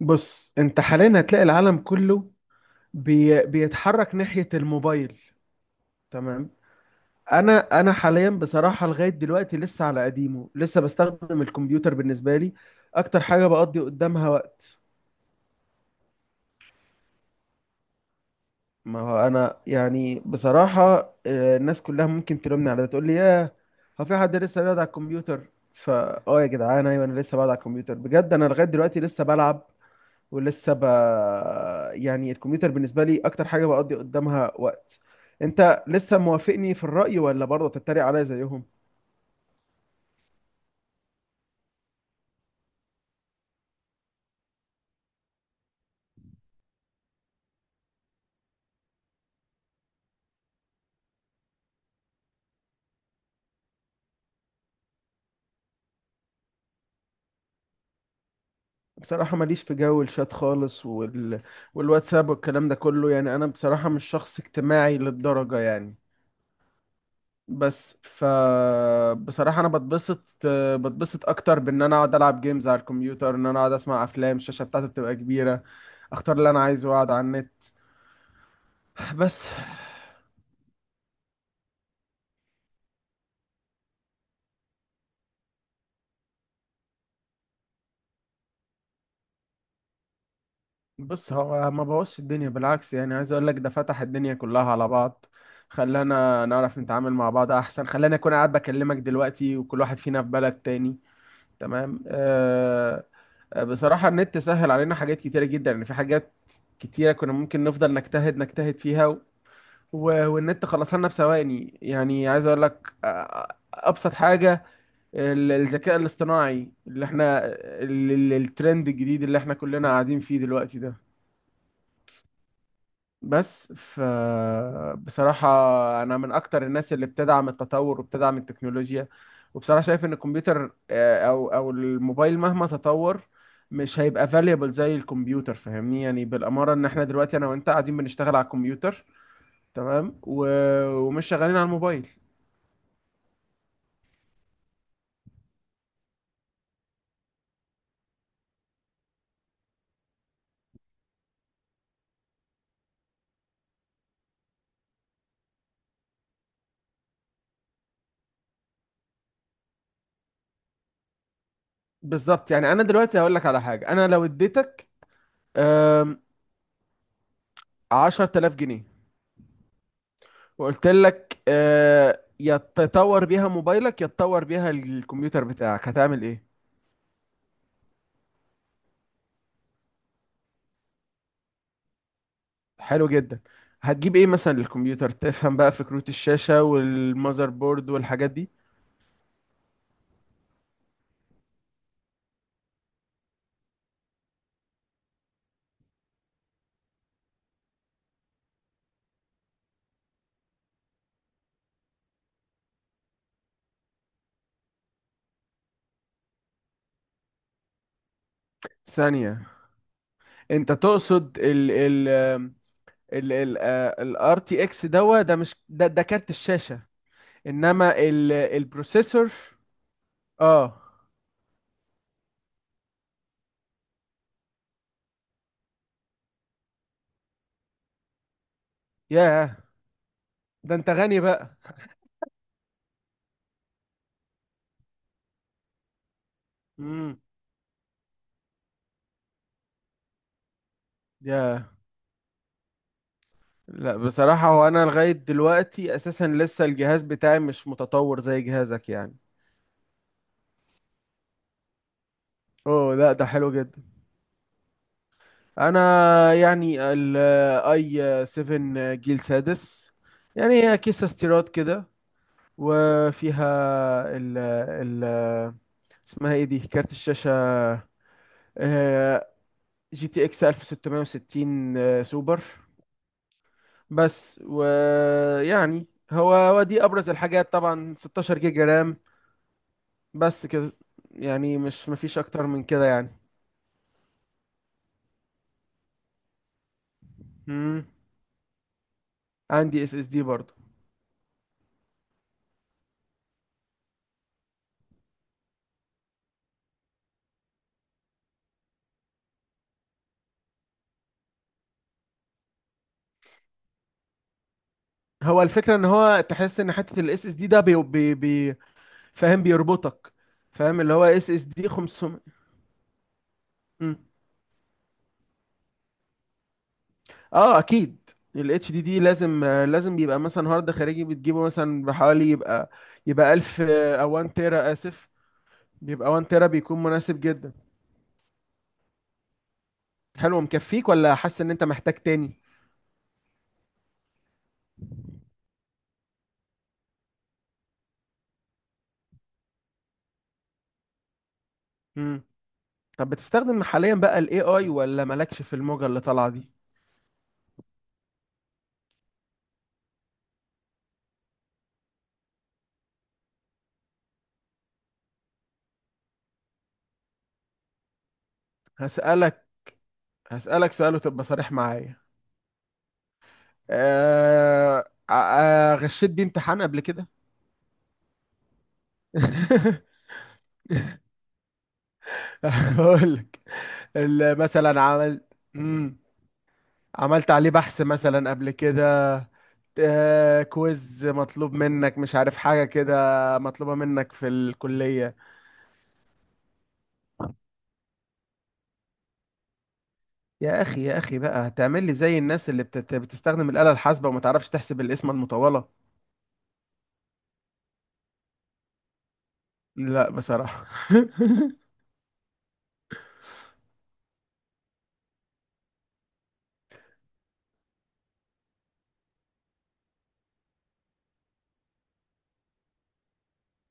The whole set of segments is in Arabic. بص انت حاليا هتلاقي العالم كله بيتحرك ناحية الموبايل. تمام. انا حاليا بصراحة لغاية دلوقتي لسه على قديمه، لسه بستخدم الكمبيوتر. بالنسبة لي اكتر حاجة بقضي قدامها وقت. ما هو انا يعني بصراحة، الناس كلها ممكن تلومني على ده، تقول لي: ياه، هو في حد لسه بيقعد على الكمبيوتر؟ فا يا جدعان، ايوه انا لسه بقعد على الكمبيوتر بجد. انا لغاية دلوقتي لسه بلعب ولسه ب... يعني الكمبيوتر بالنسبة لي أكتر حاجة بقضي قدامها وقت. أنت لسه موافقني في الرأي ولا برضه تتريق عليا زيهم؟ بصراحة ماليش في جو الشات خالص والواتساب والكلام ده كله. يعني أنا بصراحة مش شخص اجتماعي للدرجة يعني. بس بصراحة أنا بتبسط أكتر بإن أنا أقعد ألعب جيمز على الكمبيوتر، إن أنا أقعد أسمع أفلام. الشاشة بتاعتي بتبقى كبيرة، أختار اللي أنا عايزه وأقعد على النت. بس. بص هو ما بوظش الدنيا بالعكس. يعني عايز اقول لك ده فتح الدنيا كلها على بعض، خلانا نعرف نتعامل مع بعض احسن، خلاني اكون قاعد بكلمك دلوقتي وكل واحد فينا في بلد تاني. تمام. أه. بصراحة النت سهل علينا حاجات كتيرة جدا. يعني في حاجات كتيرة كنا ممكن نفضل نجتهد فيها والنت خلصها لنا بثواني. يعني عايز اقول لك ابسط حاجة الذكاء الاصطناعي اللي احنا الترند الجديد اللي احنا كلنا قاعدين فيه دلوقتي ده. بس بصراحة أنا من أكتر الناس اللي بتدعم التطور وبتدعم التكنولوجيا. وبصراحة شايف إن الكمبيوتر، أو الموبايل مهما تطور مش هيبقى valuable زي الكمبيوتر. فاهمني، يعني بالأمارة إن إحنا دلوقتي أنا وأنت قاعدين بنشتغل على الكمبيوتر. تمام ومش شغالين على الموبايل. بالظبط. يعني أنا دلوقتي هقول لك على حاجة. أنا لو اديتك آم، 10,000 جنيه وقلت لك يا تطور بيها موبايلك، يا تطور بيها الكمبيوتر بتاعك، هتعمل إيه؟ حلو جدا. هتجيب ايه مثلا للكمبيوتر؟ تفهم بقى فكرة الشاشة والمذر بورد والحاجات دي. ثانية. انت تقصد ال RTX دوا ده، مش ده كارت الشاشة، انما البروسيسور. اه. ياه، ده انت غني بقى. امم ياه. لا بصراحة، هو انا لغاية دلوقتي اساسا لسه الجهاز بتاعي مش متطور زي جهازك يعني. اوه لا، ده حلو جدا. انا يعني الاي 7 جيل سادس. يعني هي كيسة استيراد كده، وفيها ال اسمها ايه دي، كارت الشاشة آه، جي تي اكس 1660 سوبر. بس ويعني هو دي ابرز الحاجات طبعا، 16 جيجا رام. بس كده. يعني مش مفيش اكتر من كده يعني. مم. عندي اس اس دي برضو. هو الفكرة ان هو تحس ان حتة الاس اس دي ده بي فاهم بيربطك. فاهم، اللي هو اس اس دي 500. مم. اه اكيد. الاتش دي دي لازم، يبقى مثلا هارد خارجي بتجيبه مثلا بحوالي، يبقى 1000 او 1 تيرا. اسف، بيبقى 1 تيرا بيكون مناسب جدا. حلو. مكفيك ولا حاسس ان انت محتاج تاني؟ مم. طب بتستخدم حاليا بقى الاي اي ولا مالكش في الموجة اللي طالعة دي؟ هسألك هسألك سؤال وتبقى صريح معايا. أه... آه، آه، غشيت بيه امتحان قبل كده؟ بقول مثلا عملت مم. عملت عليه بحث مثلا قبل كده؟ كويز مطلوب منك مش عارف حاجة كده، مطلوبة منك في الكلية. يا أخي، يا أخي بقى هتعمل لي زي الناس اللي بتستخدم الآلة الحاسبة وما تعرفش تحسب القسمة المطولة. لا بصراحة.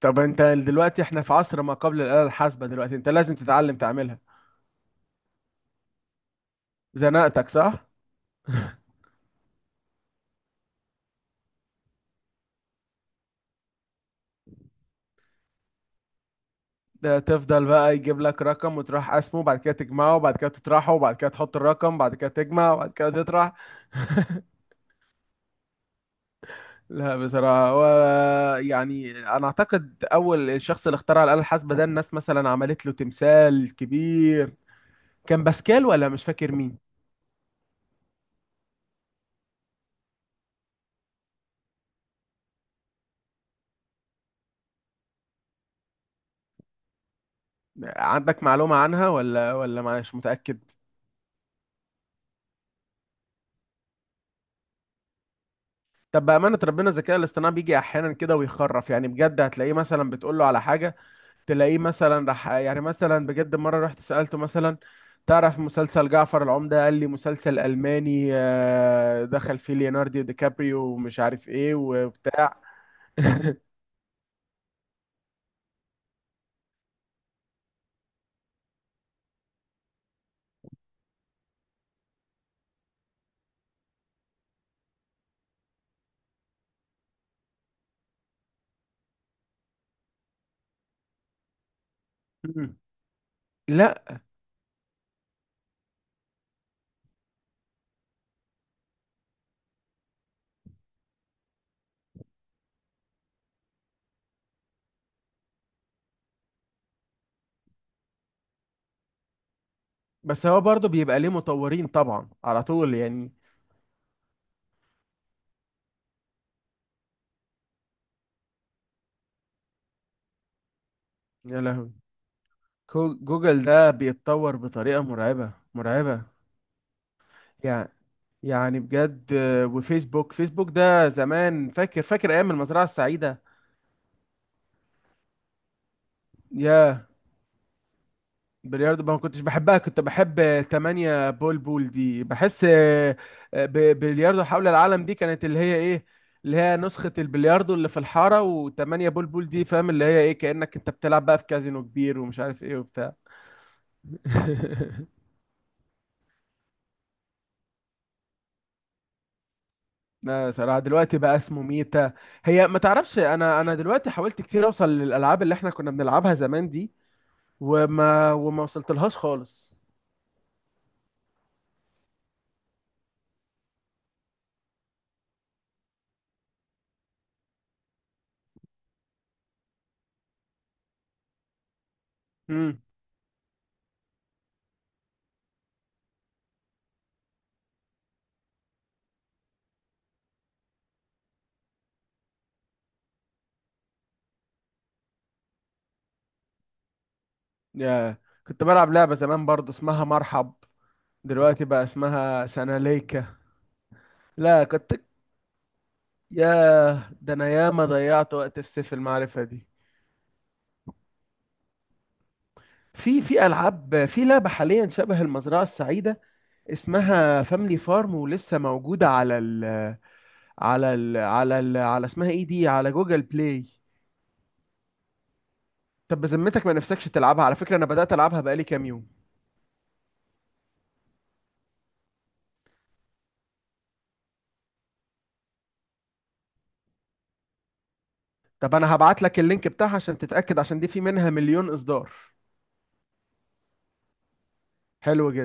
طب انت دلوقتي، احنا في عصر ما قبل الآلة الحاسبة دلوقتي، انت لازم تتعلم تعملها. زنقتك، صح؟ ده تفضل بقى يجيب لك رقم وتروح قسمه، وبعد كده تجمعه، وبعد كده تطرحه، وبعد كده تحط الرقم، وبعد كده تجمع، وبعد كده تطرح. لا بصراحة، هو يعني أنا أعتقد أول الشخص اللي اخترع الآلة الحاسبة ده الناس مثلا عملت له تمثال كبير. كان باسكال ولا مش فاكر مين؟ عندك معلومة عنها ولا مش متأكد؟ طب بأمانة ربنا، الذكاء الاصطناعي بيجي أحيانا كده ويخرف، يعني بجد هتلاقيه مثلا بتقول له على حاجة، تلاقيه مثلا راح. يعني مثلا بجد، مرة رحت سألته مثلا: تعرف مسلسل جعفر العمدة؟ قال لي: مسلسل ألماني، دخل فيه ليوناردو دي كابريو ومش عارف إيه وبتاع. لا، بس هو برضه بيبقى ليه مطورين طبعا على طول يعني. يا لهوي. جوجل ده بيتطور بطريقة مرعبة مرعبة. يعني بجد، وفيسبوك، ده زمان، فاكر فاكر ايام المزرعة السعيدة. يا. بلياردو ما كنتش بحبها، كنت بحب 8 بول بول دي بحس آه، ب- بلياردو حول العالم دي كانت اللي هي ايه، اللي هي نسخة البلياردو اللي في الحارة. و8 بول بول دي فاهم، اللي هي ايه كأنك انت بتلعب بقى في كازينو كبير ومش عارف ايه. لا صراحة، دلوقتي بقى اسمه ميتا. هي ما تعرفش، انا دلوقتي حاولت كتير اوصل للالعاب اللي احنا كنا بنلعبها زمان دي، وما وصلت لهاش خالص. امم يا، كنت بلعب لعبة زمان برضو اسمها مرحب. دلوقتي بقى اسمها سناليكا. لا كنت يا، ده انا ياما ضيعت وقت في سيف المعرفة دي. في العاب، في لعبة حاليا شبه المزرعة السعيدة اسمها فاملي فارم، ولسه موجودة على اسمها ايه دي، على جوجل بلاي. طب بذمتك، ما نفسكش تلعبها؟ على فكرة انا بدأت العبها بقالي كام يوم. طب انا هبعت لك اللينك بتاعها عشان تتأكد، عشان دي في منها مليون اصدار. حلو جدا.